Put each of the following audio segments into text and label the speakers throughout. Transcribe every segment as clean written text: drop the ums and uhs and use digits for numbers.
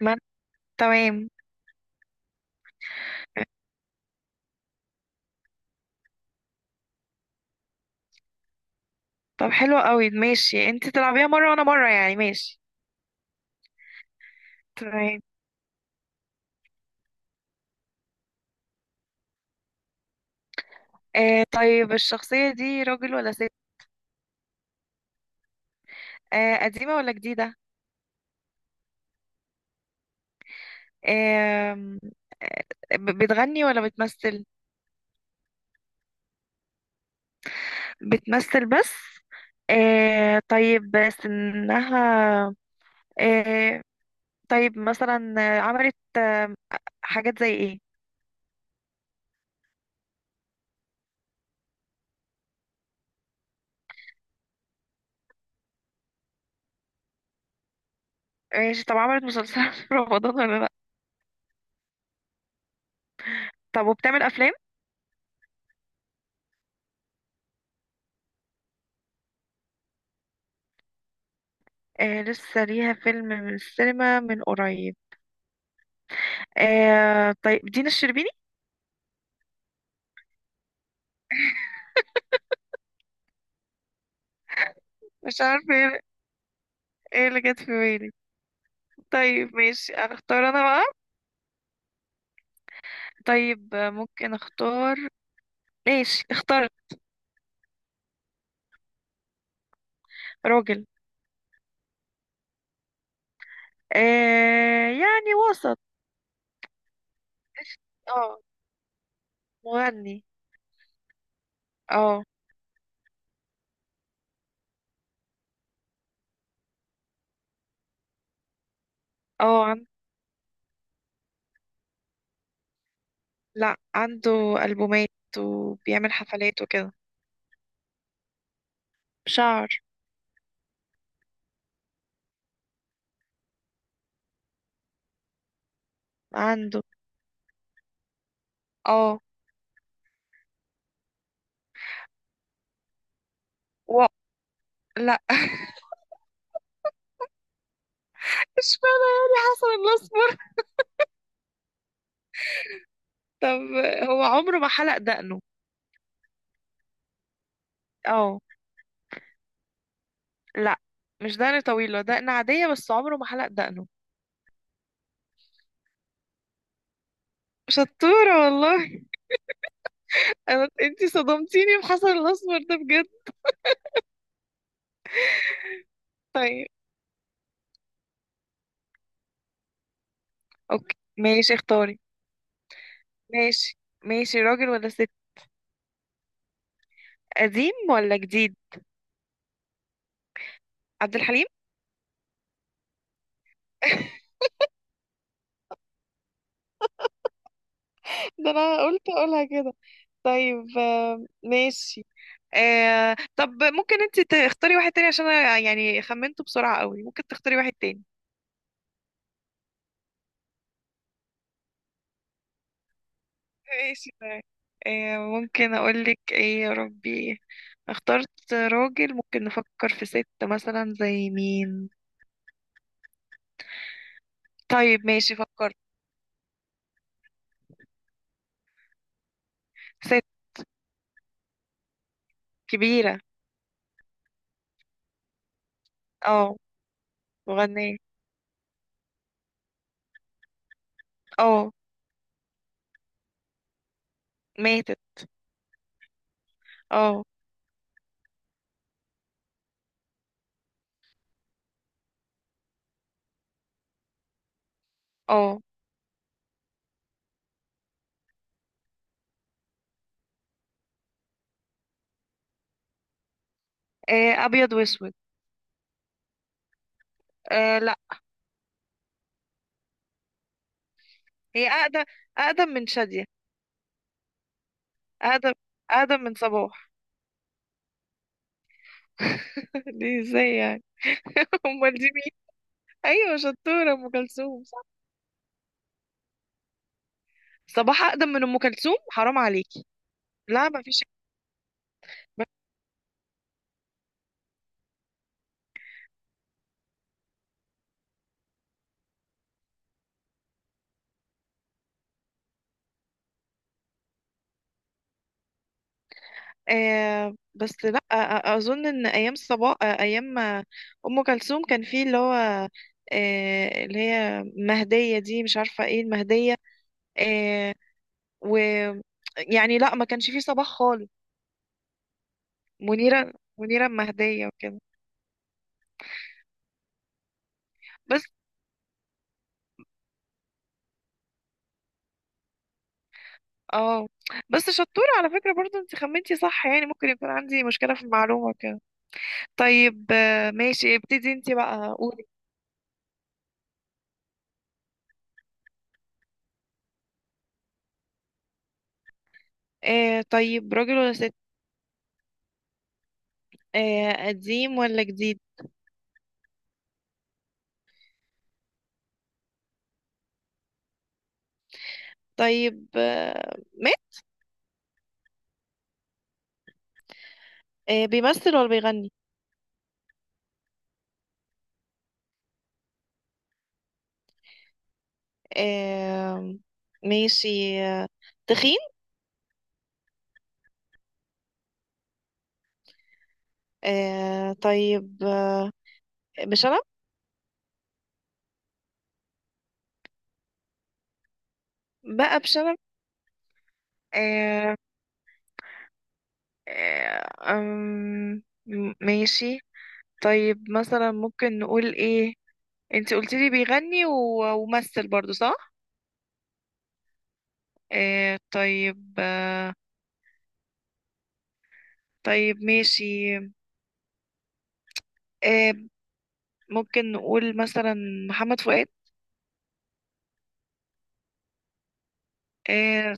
Speaker 1: ما تمام. طب حلو قوي ماشي انت تلعبيها مرة وانا مرة يعني ماشي. تمام. آه، طيب الشخصية دي راجل ولا ست؟ آه، قديمة ولا جديدة؟ آم، آه. بتغني ولا بتمثل؟ بتمثل بس. آه، طيب سنها؟ آه طيب مثلا عملت حاجات زي ايه؟ ماشي، طب عملت مسلسلات في رمضان ولا لا؟ طب وبتعمل افلام؟ آه، لسه ليها فيلم من السينما من قريب. آه، طيب دينا الشربيني. مش عارفة ايه، إيه اللي جت في بالي. طيب ماشي، اختار انا بقى. طيب، ممكن اختار. ماشي اخترت. راجل. آه، يعني وسط. اه، مغني. اه. اه، لا عنده ألبومات وبيعمل حفلات وكده. شعر. عنده. اه. و... لا. مش فاهمة يعني حسن الأسمر. طب هو عمره ما حلق دقنه؟ اه. لا، مش دقن طويلة، دقن عادية بس عمره ما حلق دقنه. شطورة والله. انا انتي صدمتيني بحسن الاسمر ده بجد. طيب. اوكي، ماشي اختاري. ماشي. ماشي، راجل ولا ست؟ قديم ولا جديد؟ عبد الحليم. ده انا قلت اقولها كده. طيب، ماشي. طب ممكن انتي تختاري واحد تاني عشان انا يعني خمنته بسرعة قوي، ممكن تختاري واحد تاني. ماشي طيب. ممكن اقولك ايه يا ربي. اخترت راجل، ممكن نفكر في ست مثلا زي مين. طيب ماشي فكرت. ست. كبيرة. اه. مغنية. اه. ماتت. اه. اه. آه، أبيض وأسود. آه، لا. هي أقدم. أقدم من شادية. أقدم أقدم من صباح. دي ازاي يعني. أمال دي مين؟ أيوة شطورة، أم كلثوم صح. صباح أقدم من أم كلثوم؟ حرام عليكي. لا مفيش. آه، بس لا، اظن ان ايام ايام ام كلثوم كان في اللي هو آه، اللي هي مهدية دي، مش عارفة ايه المهدية. آه و يعني لا، ما كانش في صباح خالص. منيرة المهدية وكده. بس، اه بس شطورة على فكرة برضو، انت خمنتي صح، يعني ممكن يكون عندي مشكلة في المعلومة كده. طيب، ماشي ابتدي انت بقى قولي. آه، طيب راجل ولا ست؟ آه، قديم ولا جديد؟ طيب، آه، بيمثل ولا بيغني؟ آه. ماشي. آه. تخين. آه، طيب آه. بشنب. بقى بشنب. آه. آه أم، ماشي. طيب مثلا ممكن نقول ايه؟ انت قلت لي بيغني وممثل برضو صح. طيب طيب ماشي آه ممكن نقول مثلا محمد فؤاد. آه،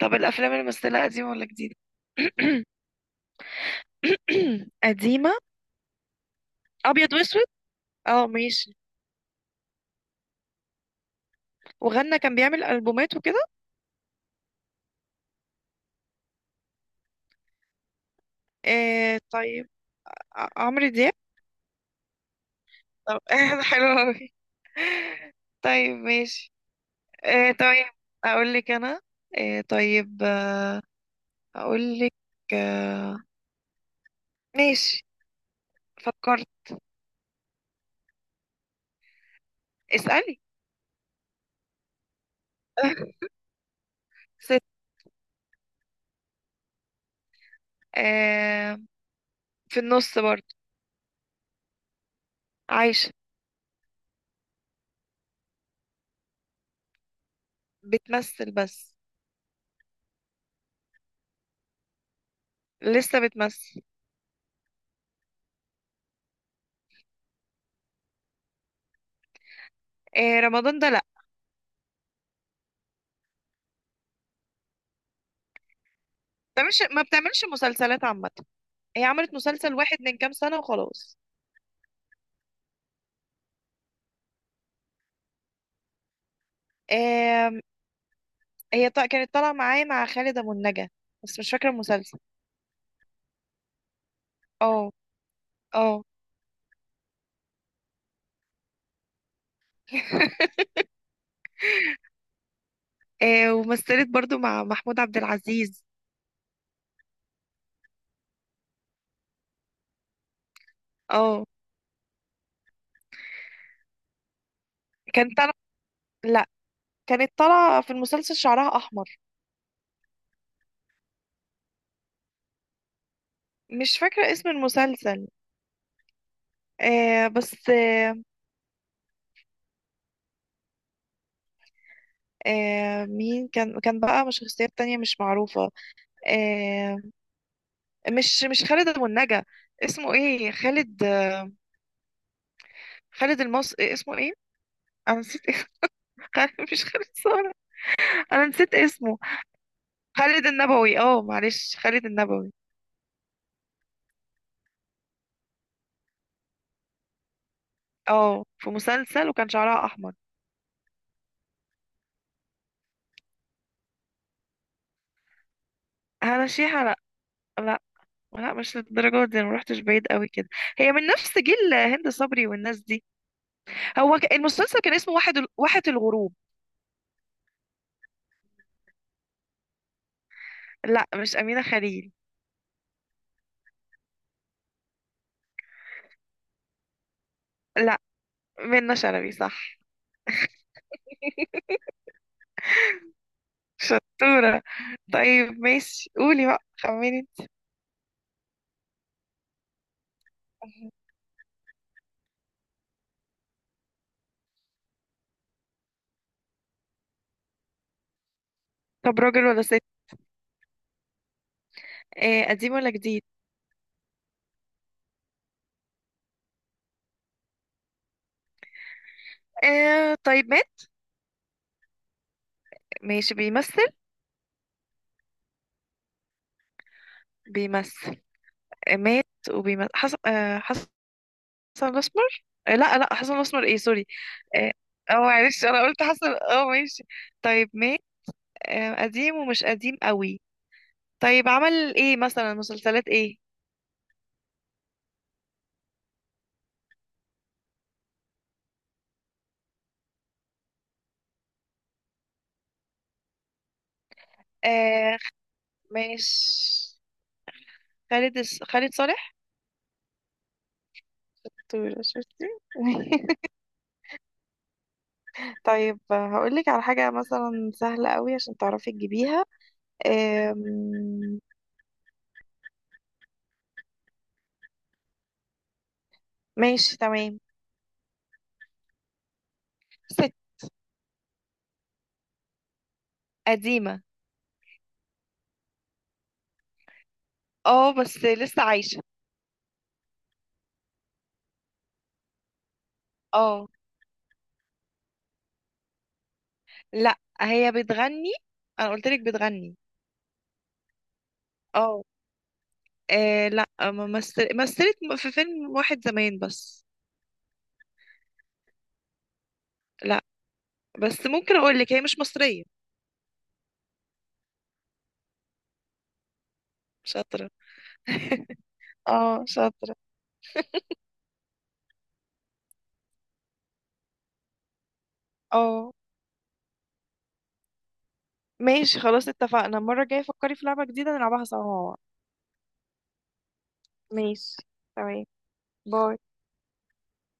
Speaker 1: طب الافلام اللي مثلها قديمة ولا جديدة؟ قديمة. ابيض واسود. اه ماشي. وغنى، كان بيعمل البومات وكده. آه، طيب عمرو دياب. طب حلو أوي. طيب ماشي. طيب اقول لك انا. طيب اقول لك. آه. ماشي. فكرت. اسالي. ست. آه، في النص برضه. عايشه. بتمثل بس. لسه بتمثل. آه، رمضان ده لا. ما بتعملش مسلسلات عامه. هي عملت مسلسل واحد من كام سنه وخلاص. آه، هي كانت طالعة معايا مع خالد أبو النجا، بس مش فاكرة المسلسل. اه، اه. آه، ومثلت برضو مع محمود عبد العزيز. اه. كانت طالعة. لا. كانت طالعة في المسلسل، شعرها أحمر. مش فاكرة اسم المسلسل. آه بس آه. آه، مين كان، بقى مش شخصيات تانية مش معروفة. آه، مش خالد أبو النجا. اسمه ايه خالد آه، خالد إيه اسمه ايه. انا نسيت. اسمه مش خالد صالح، انا نسيت اسمه. خالد النبوي. اه معلش، خالد النبوي. اه، في مسلسل وكان شعرها احمر. هنا شيحة، لا. لا. لا، مش للدرجة دي، انا مروحتش بعيد قوي كده. هي من نفس جيل هند صبري والناس دي. هو المسلسل كان اسمه واحة الغروب. لا مش أمينة خليل. لا، منة شلبي صح. شطورة. طيب ماشي، قولي بقى خمني انت. طب راجل ولا ست؟ آه، قديم ولا جديد؟ آه، طيب مات. ماشي بيمثل. بيمثل. آه، مات. وبيمثل، حسب حسن الاسمر. آه لا لا، حسن الاسمر ايه، سوري. اه. آه، معلش انا قلت حسن، اه ماشي. طيب ما آه، قديم ومش قديم قوي. طيب عمل ايه مثلا، مسلسلات ايه؟ آه، ماشي، خالد خالد صالح. طول شفتي. طيب هقول لك على حاجة مثلا سهلة قوي عشان تعرفي تجيبيها. آم، ماشي تمام. ست. قديمة. اه بس لسه عايشة. اه، لا هي بتغني، انا قلت لك بتغني. اه. آه لا، ما مثلت في فيلم واحد زمان بس. لا بس ممكن اقول لك هي مش مصرية. شاطرة. اه شاطرة. اه ماشي، خلاص اتفقنا، المرة الجاية فكري في لعبة جديدة نلعبها سوا مع بعض. ماشي. تمام. باي.